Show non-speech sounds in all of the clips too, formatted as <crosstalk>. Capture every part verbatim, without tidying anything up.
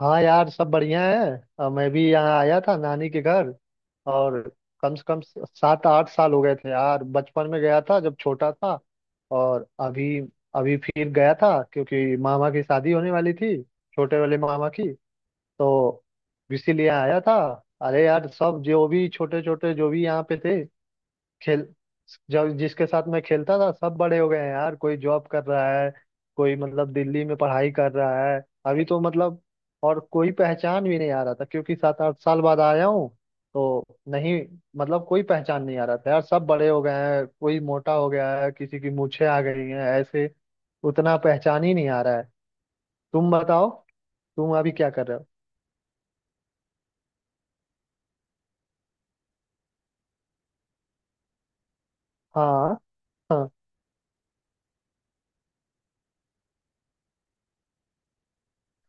हाँ यार, सब बढ़िया है। अ, मैं भी यहाँ आया था नानी के घर। और कम से कम स- सात आठ साल हो गए थे यार, बचपन में गया था जब छोटा था। और अभी अभी फिर गया था क्योंकि मामा की शादी होने वाली थी, छोटे वाले मामा की। तो इसीलिए आया था। अरे यार, सब जो भी छोटे छोटे जो भी यहाँ पे थे, खेल जब जिसके साथ मैं खेलता था सब बड़े हो गए हैं यार। कोई जॉब कर रहा है, कोई मतलब दिल्ली में पढ़ाई कर रहा है। अभी तो मतलब, और कोई पहचान भी नहीं आ रहा था क्योंकि सात आठ साल बाद आया हूँ तो। नहीं, मतलब कोई पहचान नहीं आ रहा था यार, सब बड़े हो गए हैं, कोई मोटा हो गया है, किसी की मूछें आ गई हैं, ऐसे उतना पहचान ही नहीं आ रहा है। तुम बताओ, तुम अभी क्या कर रहे हो? हाँ, हाँ।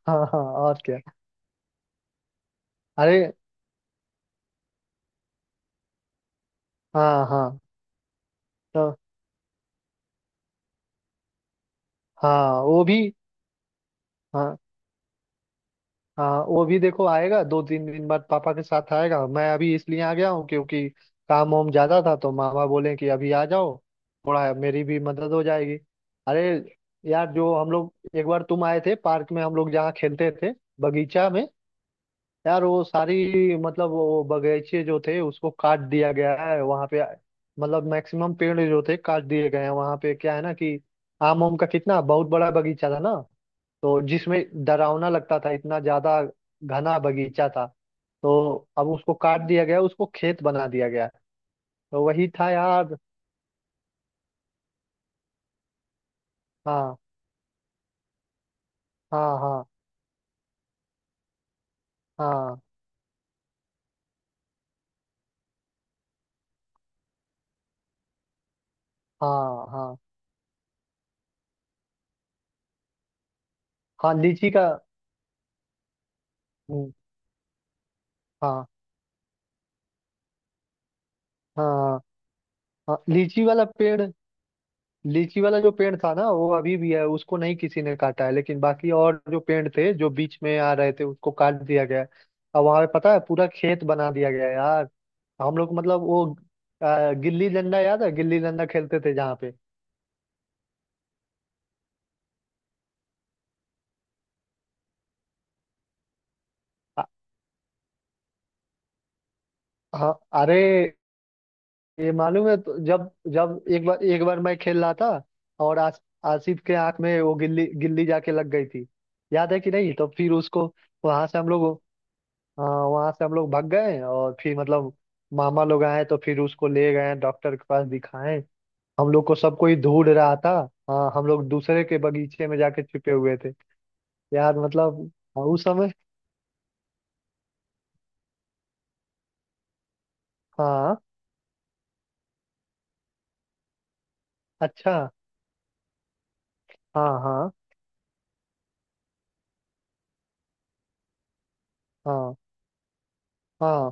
हाँ, हाँ, और क्या। अरे, हाँ, हाँ, तो। हाँ, वो भी। हाँ, हाँ, वो भी देखो आएगा दो तीन दिन बाद, पापा के साथ आएगा। मैं अभी इसलिए आ गया हूँ क्योंकि काम वाम ज्यादा था, तो मामा बोले कि अभी आ जाओ, थोड़ा मेरी भी मदद हो जाएगी। अरे यार, जो हम लोग एक बार तुम आए थे, पार्क में हम लोग जहाँ खेलते थे, बगीचा में। यार, वो सारी मतलब वो बगीचे जो थे उसको काट दिया गया है वहाँ पे। मतलब मैक्सिमम पेड़ जो थे काट दिए गए हैं वहाँ पे। क्या है ना कि आम, आम का कितना बहुत बड़ा बगीचा था ना, तो जिसमें डरावना लगता था इतना ज्यादा, घना बगीचा था। तो अब उसको काट दिया गया, उसको खेत बना दिया गया। तो वही था यार। हाँ, हाँ। हाँ, हाँ। हाँ, हाँ। हाँ, लीची का। हम्म। हाँ, हाँ। हाँ, लीची वाला पेड़, लीची वाला जो पेड़ था ना वो अभी भी है, उसको नहीं किसी ने काटा है, लेकिन बाकी और जो पेड़ थे जो बीच में आ रहे थे उसको काट दिया गया है। अब वहां पे पता है, पूरा खेत बना दिया गया है यार। हम लोग मतलब वो, आ, गिल्ली डंडा याद है? गिल्ली डंडा खेलते थे जहाँ पे। अ- हाँ। अरे, ये मालूम है? तो जब जब एक बार एक बार मैं खेल रहा था और आस, आसिफ के आंख में वो गिल्ली, गिल्ली जाके लग गई थी। याद है कि नहीं? तो फिर उसको, वहां से हम लोग, हाँ वहां से हम लोग भाग गए और फिर मतलब, मामा लोग आए तो फिर उसको ले गए डॉक्टर के पास दिखाएं। हम लोग को सब कोई ढूंढ रहा था। हाँ, हम लोग दूसरे के बगीचे में जाके छिपे हुए थे। यार मतलब। हाँ, उस समय। हाँ। अच्छा। हाँ, हाँ। हाँ, हाँ।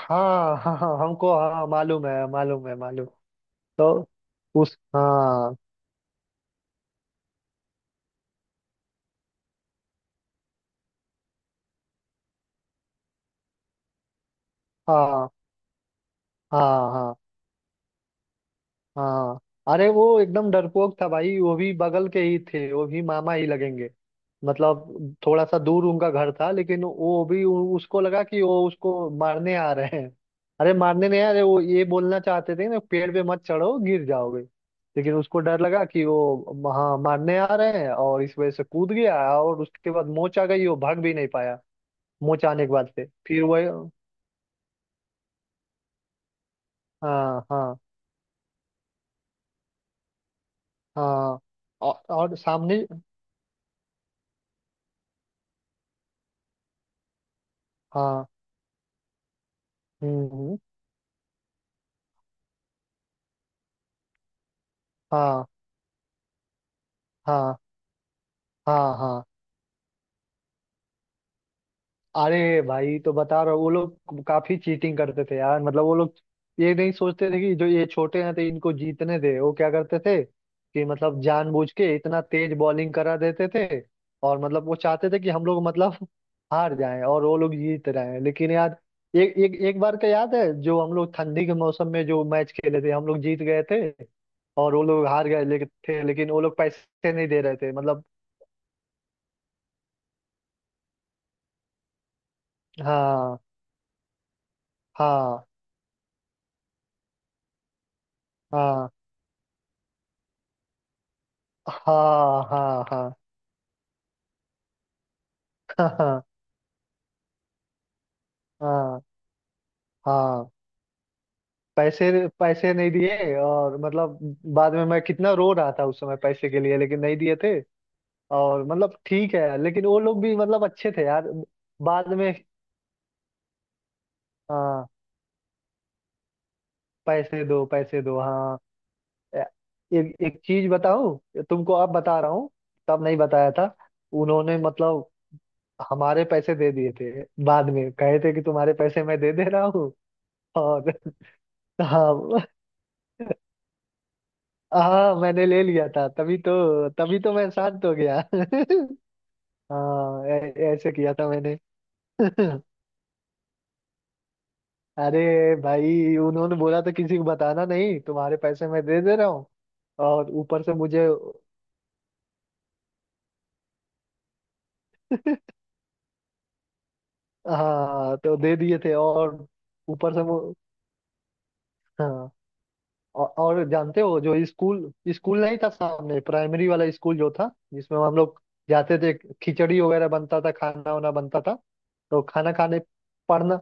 हाँ, हाँ, हाँ हमको, हाँ मालूम है, मालूम है, मालूम तो उस, हाँ। हाँ, हाँ। हाँ, हाँ। अरे वो एकदम डरपोक था भाई, वो भी बगल के ही थे, वो भी मामा ही लगेंगे। मतलब थोड़ा सा दूर उनका घर था, लेकिन वो भी उ- उसको लगा कि वो उसको मारने आ रहे हैं। अरे मारने नहीं आ रहे, वो ये बोलना चाहते थे ना, पेड़ पे मत चढ़ो गिर जाओगे। लेकिन उसको डर लगा कि वो हाँ मारने आ रहे हैं, और इस वजह से कूद गया। और उसके बाद मोच आ गई, वो भाग भी नहीं पाया। मोच आने के बाद से फिर वही। हाँ, हाँ, हाँ। और, और सामने। हाँ। हम्म, हम्म। हाँ, हाँ। हाँ, हाँ। अरे भाई तो बता रहा हूँ, वो लोग काफी चीटिंग करते थे यार। मतलब वो लोग ये नहीं सोचते थे कि जो ये छोटे हैं तो इनको जीतने दे। वो क्या करते थे कि मतलब जानबूझ के इतना तेज बॉलिंग करा देते थे। और मतलब वो चाहते थे कि हम लोग मतलब <laughs> हार जाएं और वो लोग जीत रहे हैं, लेकिन यार एक एक एक बार का याद है, जो हम लोग ठंडी के मौसम में जो मैच खेले थे, हम लोग जीत गए थे और वो लोग हार गए ले, थे, लेकिन वो लोग पैसे नहीं दे रहे थे मतलब। हाँ, हाँ। हाँ, हाँ। हाँ, हाँ। हाँ, हाँ। हाँ। पैसे, पैसे नहीं दिए और मतलब बाद में मैं कितना रो रहा था, उस समय पैसे के लिए, लेकिन नहीं दिए थे। और मतलब ठीक है, लेकिन वो लोग भी मतलब अच्छे थे यार, बाद में। हाँ, पैसे दो, पैसे दो हाँ। ए- एक एक चीज बताऊं तुमको, अब बता रहा हूँ, तब नहीं बताया था। उन्होंने मतलब हमारे पैसे दे दिए थे। बाद में कहे थे कि तुम्हारे पैसे मैं दे दे रहा हूँ। और <laughs> हाँ। हाँ, मैंने ले लिया था, तभी तो, तभी तो मैं शांत हो गया <laughs> हाँ, ऐ- ऐसे किया था मैंने। <laughs> अरे भाई, उन्होंने बोला था किसी को बताना नहीं, तुम्हारे पैसे मैं दे दे रहा हूँ। और ऊपर से मुझे <laughs> हाँ, तो दे दिए थे और ऊपर से वो। हाँ। औ- और जानते हो जो स्कूल स्कूल नहीं था सामने, प्राइमरी वाला स्कूल जो था जिसमें हम लोग जाते थे, खिचड़ी वगैरह बनता था, खाना वाना बनता था। तो खाना खाने, पढ़ना,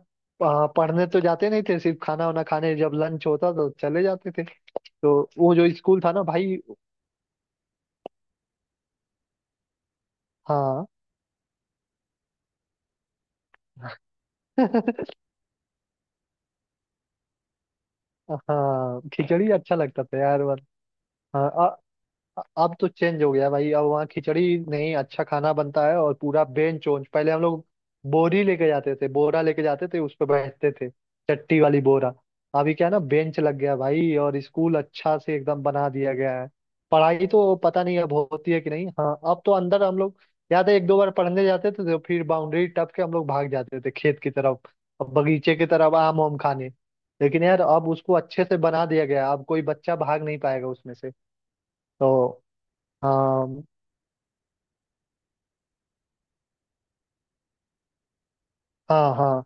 आ, पढ़ने तो जाते नहीं थे, सिर्फ खाना वाना खाने जब लंच होता तो चले जाते थे। तो वो जो स्कूल था ना भाई। हाँ। <laughs> हाँ, खिचड़ी अच्छा लगता था यार। हाँ, अ- अब तो चेंज हो गया भाई, अब वहाँ खिचड़ी नहीं, अच्छा खाना बनता है। और पूरा बेंच वोंच, पहले हम लोग बोरी लेके जाते थे, बोरा लेके जाते थे, उस पर बैठते थे, चट्टी वाली बोरा। अभी क्या है ना, बेंच लग गया भाई, और स्कूल अच्छा से एकदम बना दिया गया है। पढ़ाई तो पता नहीं अब होती है कि नहीं। हाँ, अब तो अंदर हम लोग, याद है, एक दो बार पढ़ने जाते थे, तो फिर बाउंड्री टप के हम लोग भाग जाते थे खेत की तरफ और बगीचे की तरफ आम वाम खाने। लेकिन यार अब उसको अच्छे से बना दिया गया है, अब कोई बच्चा भाग नहीं पाएगा उसमें से, तो। हाँ, हाँ। हाँ,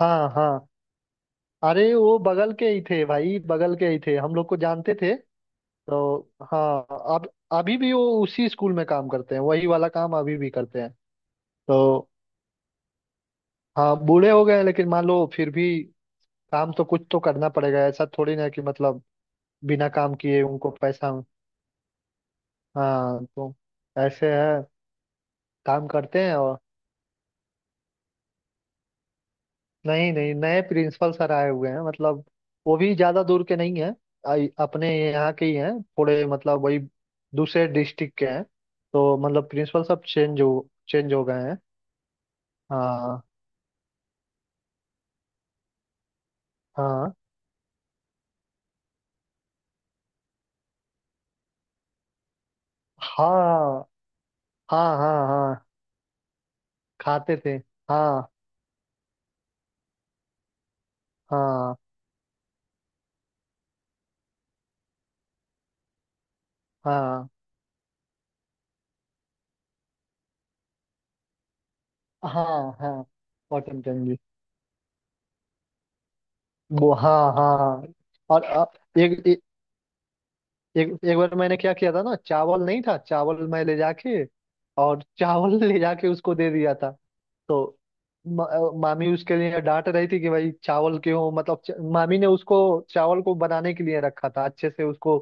हाँ। हाँ। अरे वो बगल के ही थे भाई, बगल के ही थे, हम लोग को जानते थे। तो हाँ, अब, अभी भी वो उसी स्कूल में काम करते हैं, वही वाला काम अभी भी करते हैं। तो हाँ, बूढ़े हो गए हैं, लेकिन मान लो फिर भी काम तो कुछ तो करना पड़ेगा, ऐसा थोड़ी ना कि मतलब बिना काम किए उनको पैसा। हाँ, तो ऐसे है, काम करते हैं और। नहीं, नहीं, नए प्रिंसिपल सर आए हुए हैं। मतलब वो भी ज्यादा दूर के नहीं हैं, आई- अपने यहाँ के ही हैं, थोड़े मतलब वही दूसरे डिस्ट्रिक्ट के हैं। तो मतलब प्रिंसिपल सब चेंज हो चेंज हो गए हैं। हाँ, हाँ। हाँ, हाँ। हाँ, हाँ। खाते थे। हाँ, हाँ। हाँ, हाँ। हाँ, कॉटन कैंडी। वो हाँ, हाँ, हाँ। और अ, एक एक एक बार मैंने क्या किया था ना, चावल नहीं था, चावल मैं ले जाके, और चावल <laughs> ले जाके उसको दे दिया था। तो म- अ, मामी उसके लिए डांट रही थी कि भाई चावल क्यों, मतलब च- मामी ने उसको चावल को बनाने के लिए रखा था, अच्छे से उसको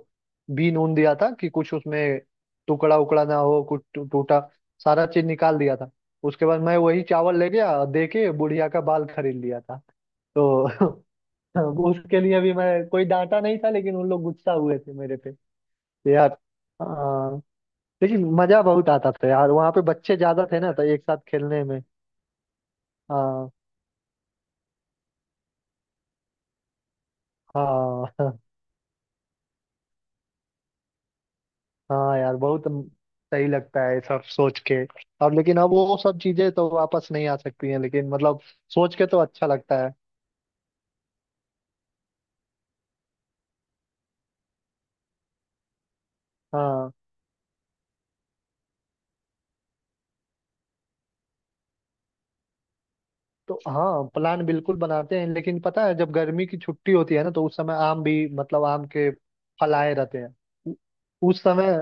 बीन ऊन दिया था कि कुछ उसमें टुकड़ा उकड़ा ना हो, कुछ टू- टूटा, सारा चीज निकाल दिया था। उसके बाद मैं वही चावल ले गया, दे के बुढ़िया का बाल खरीद लिया था। तो <laughs> उसके लिए भी मैं कोई डांटा नहीं था, लेकिन उन लोग गुस्सा हुए थे मेरे। यार। हाँ। लेकिन मजा बहुत आता था यार, वहाँ पे बच्चे ज्यादा थे ना, तो एक साथ खेलने में। हाँ। हाँ। <laughs> हाँ यार, बहुत सही लगता है ये सब सोच के। अब लेकिन, अब वो सब चीजें तो वापस नहीं आ सकती हैं, लेकिन मतलब सोच के तो अच्छा लगता है। हाँ, तो हाँ, प्लान बिल्कुल बनाते हैं। लेकिन पता है, जब गर्मी की छुट्टी होती है ना, तो उस समय आम भी मतलब आम के फल आए रहते हैं, उ- उस समय।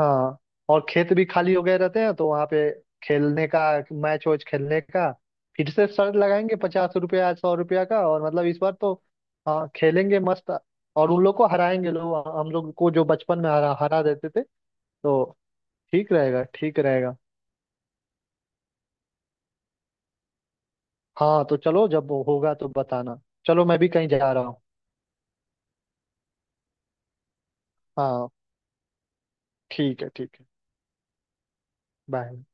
हाँ। और खेत भी खाली हो गए रहते हैं, तो वहां पे खेलने का, मैच वैच खेलने का। फिर से शर्त लगाएंगे, पचास रुपया सौ रुपया का, और मतलब इस बार तो हाँ खेलेंगे मस्त, और उन लोग को हराएंगे, लोग हम लोग को जो बचपन में हरा हरा देते थे। तो ठीक रहेगा, ठीक रहेगा। हाँ, तो चलो, जब वो होगा तो बताना। चलो मैं भी कहीं जा रहा हूँ। हाँ, ठीक है, ठीक है। बाय।